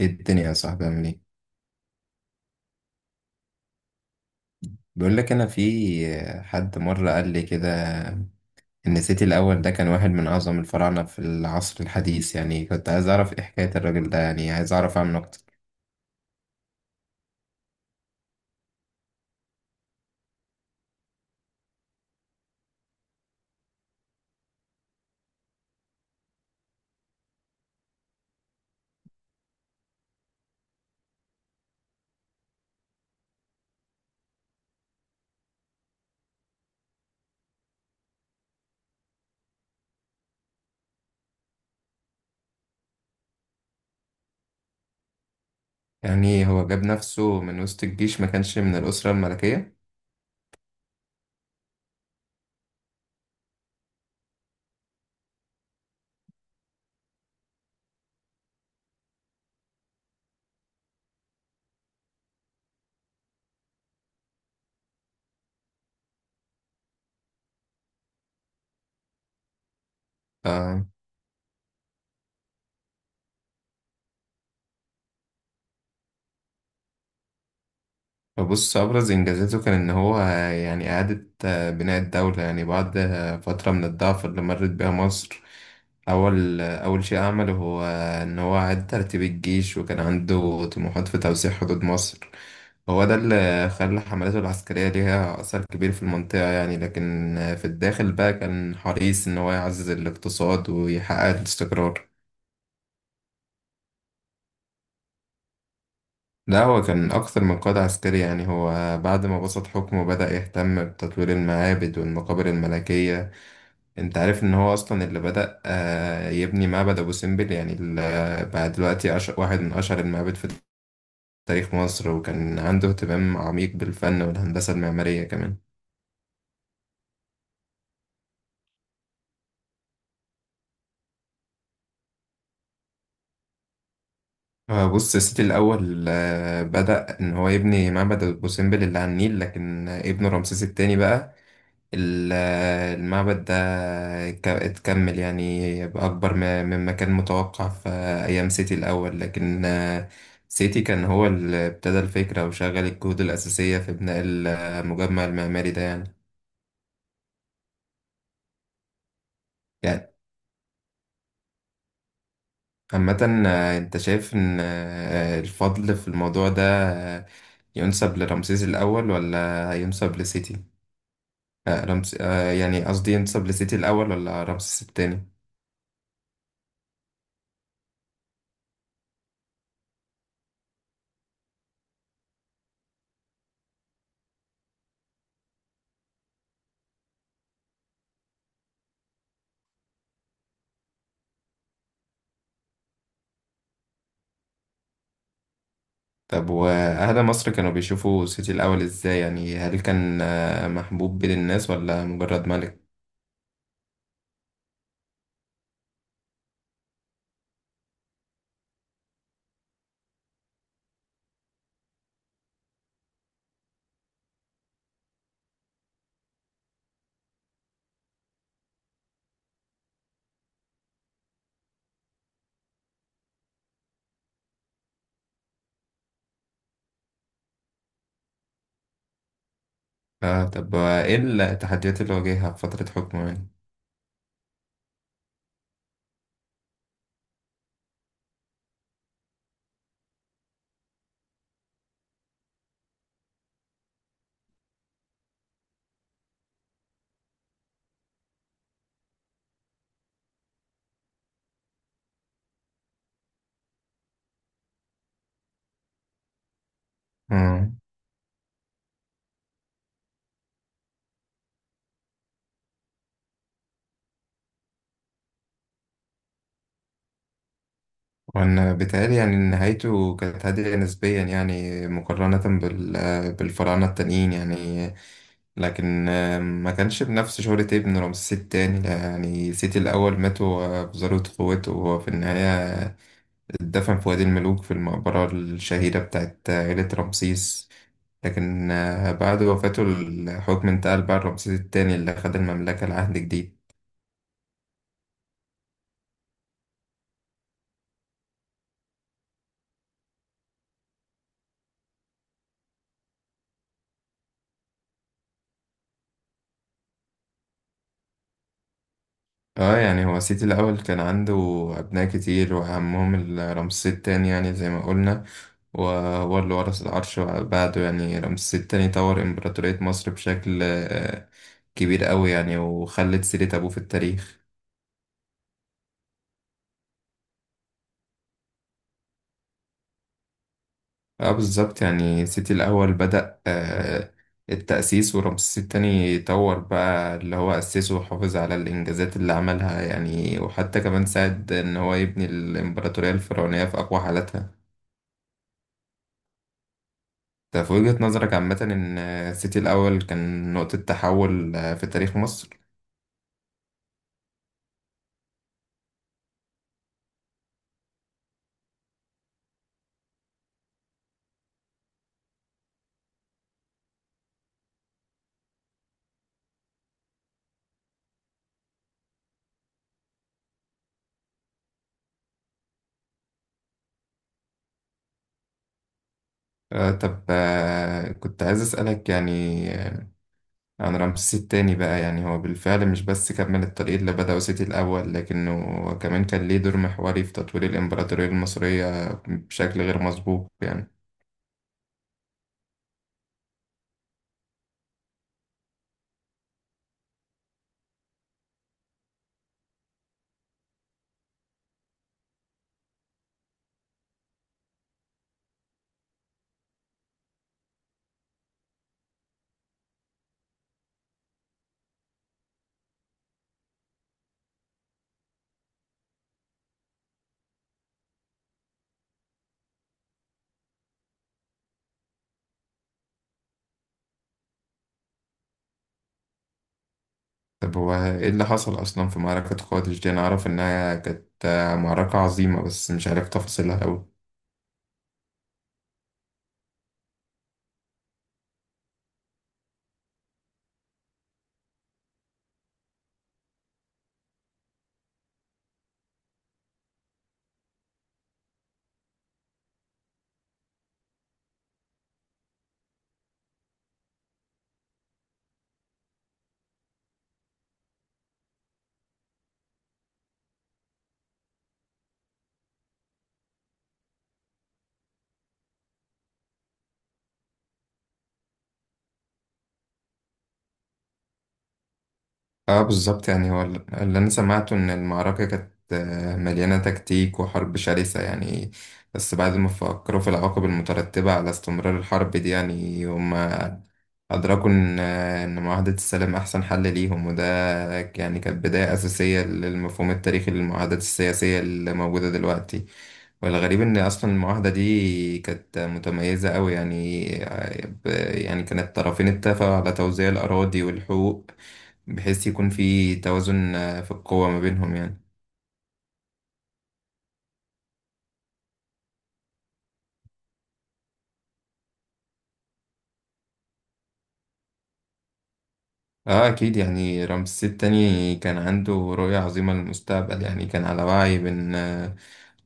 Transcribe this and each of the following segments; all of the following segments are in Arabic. ايه الدنيا يا صاحبي عامل ايه؟ بيقول لك، انا في حد مره قال لي كده ان سيتي الاول ده كان واحد من اعظم الفراعنه في العصر الحديث. يعني كنت عايز اعرف ايه حكايه الراجل ده، يعني عايز اعرف عنه اكتر. يعني هو جاب نفسه من وسط الجيش، ما كانش من الاسره الملكيه؟ آه، بص، أبرز إنجازاته كان إن هو يعني إعادة بناء الدولة، يعني بعد فترة من الضعف اللي مرت بيها مصر. أول شيء عمله هو إن هو أعاد ترتيب الجيش، وكان عنده طموحات في توسيع حدود مصر. هو ده اللي خلى حملاته العسكرية ليها أثر كبير في المنطقة، يعني لكن في الداخل بقى كان حريص إن هو يعزز الاقتصاد ويحقق الاستقرار. لا، هو كان أكثر من قائد عسكري. يعني هو بعد ما بسط حكمه بدأ يهتم بتطوير المعابد والمقابر الملكية. أنت عارف إن هو أصلا اللي بدأ يبني معبد أبو سمبل، يعني بقى دلوقتي واحد من أشهر المعابد في تاريخ مصر، وكان عنده اهتمام عميق بالفن والهندسة المعمارية كمان. بص، سيتي الأول بدأ إن هو يبني معبد أبو سمبل اللي على النيل، لكن ابنه رمسيس التاني بقى ال- المعبد ده اتكمل، يعني بأكبر مما كان متوقع في أيام سيتي الأول. لكن سيتي كان هو اللي ابتدى الفكرة وشغل الجهود الأساسية في بناء المجمع المعماري ده يعني. يعني عامة أنت شايف إن الفضل في الموضوع ده آه، ينسب لرمسيس الأول ولا ينسب لسيتي؟ آه، رمس... آه، يعني قصدي ينسب لسيتي الأول ولا رمسيس التاني؟ طب وأهدى مصر كانوا بيشوفوا سيتي الأول إزاي، يعني هل كان محبوب بين الناس ولا مجرد ملك؟ آه، طب وإيه التحديات اللي واجهها في فترة حكمه يعني؟ مم. وأنا بيتهيألي يعني إن نهايته كانت هادئة نسبيا، يعني مقارنة بالفراعنة التانيين يعني. لكن ما كانش بنفس شهرة ابن رمسيس التاني. يعني سيتي الأول مات وأبصرت قوته، وهو في النهاية اتدفن في وادي الملوك في المقبرة الشهيرة بتاعت عيلة رمسيس. لكن بعد وفاته الحكم انتقل بقى لرمسيس التاني اللي خد المملكة لعهد جديد. اه، يعني هو سيتي الأول كان عنده أبناء كتير، وأهمهم رمسيس التاني يعني زي ما قلنا، وهو اللي ورث العرش بعده. يعني رمسيس التاني طور إمبراطورية مصر بشكل كبير قوي يعني، وخلت سيرة أبوه في التاريخ. اه، بالظبط، يعني سيتي الأول بدأ التأسيس، ورمسيس التاني طور بقى اللي هو أسسه، وحافظ على الإنجازات اللي عملها يعني، وحتى كمان ساعد إن هو يبني الإمبراطورية الفرعونية في أقوى حالاتها. ده في وجهة نظرك عامة إن سيتي الأول كان نقطة تحول في تاريخ مصر. آه، طب، كنت عايز أسألك يعني آه، عن رمسيس التاني بقى. يعني هو بالفعل مش بس كمل الطريق اللي بدأه سيتي الأول، لكنه كمان كان ليه دور محوري في تطوير الإمبراطورية المصرية بشكل غير مسبوق يعني. طب هو إيه اللي حصل أصلا في معركة قادش دي؟ أنا أعرف إنها كانت معركة عظيمة، بس مش عارف تفاصيلها أوي. آه، بالظبط، يعني هو اللي أنا سمعته إن المعركة كانت مليانة تكتيك وحرب شرسة يعني. بس بعد ما فكروا في العواقب المترتبة على استمرار الحرب دي، يعني هم أدركوا إن معاهدة السلام أحسن حل ليهم، وده يعني كانت بداية أساسية للمفهوم التاريخي للمعاهدات السياسية اللي موجودة دلوقتي. والغريب إن أصلا المعاهدة دي كانت متميزة أوي، يعني ب- يعني كانت الطرفين اتفقوا على توزيع الأراضي والحقوق، بحيث يكون في توازن في القوة ما بينهم يعني. اه اكيد، يعني رمسيس التاني كان عنده رؤية عظيمة للمستقبل، يعني كان على وعي بان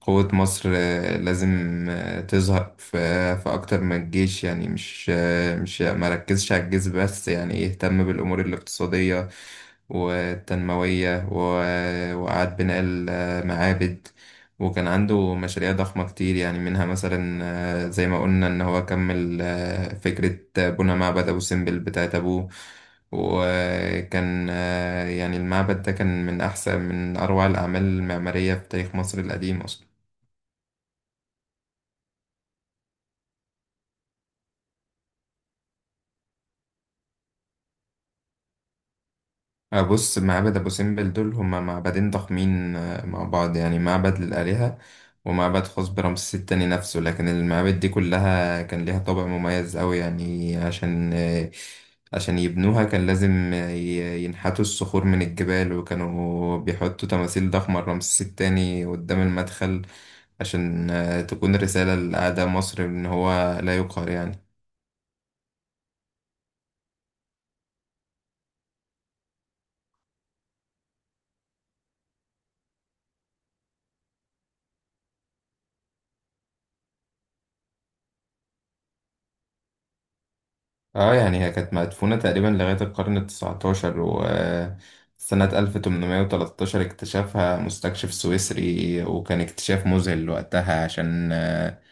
قوة مصر لازم تظهر في اكتر من الجيش. يعني مش ما ركزش على الجيش بس، يعني يهتم بالامور الاقتصادية والتنموية وإعادة بناء المعابد. وكان عنده مشاريع ضخمة كتير يعني، منها مثلا زي ما قلنا إن هو كمل فكرة بناء معبد أبو سمبل بتاعت أبوه. وكان يعني المعبد ده كان من أحسن، من أروع الأعمال المعمارية في تاريخ مصر القديم أصلا. بص، معبد أبو سمبل دول هما معبدين ضخمين مع بعض، يعني معبد للآلهة ومعبد خاص برمسيس التاني نفسه. لكن المعابد دي كلها كان ليها طابع مميز أوي، يعني عشان يبنوها كان لازم ينحتوا الصخور من الجبال، وكانوا بيحطوا تماثيل ضخمة لرمسيس التاني قدام المدخل عشان تكون الرسالة لأعداء مصر إن هو لا يقهر يعني. اه، يعني هي كانت مدفونة تقريبا لغاية القرن التسعتاشر، وسنة 1813 اكتشفها مستكشف سويسري، وكان اكتشاف مذهل وقتها عشان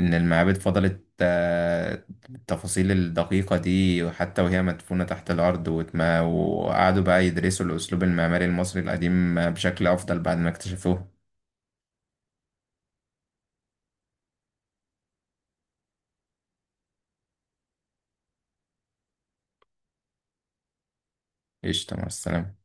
إن المعابد فضلت التفاصيل الدقيقة دي حتى وهي مدفونة تحت الأرض. واتما وقعدوا بقى يدرسوا الأسلوب المعماري المصري القديم بشكل أفضل بعد ما اكتشفوه. قشطة، مع السلامة.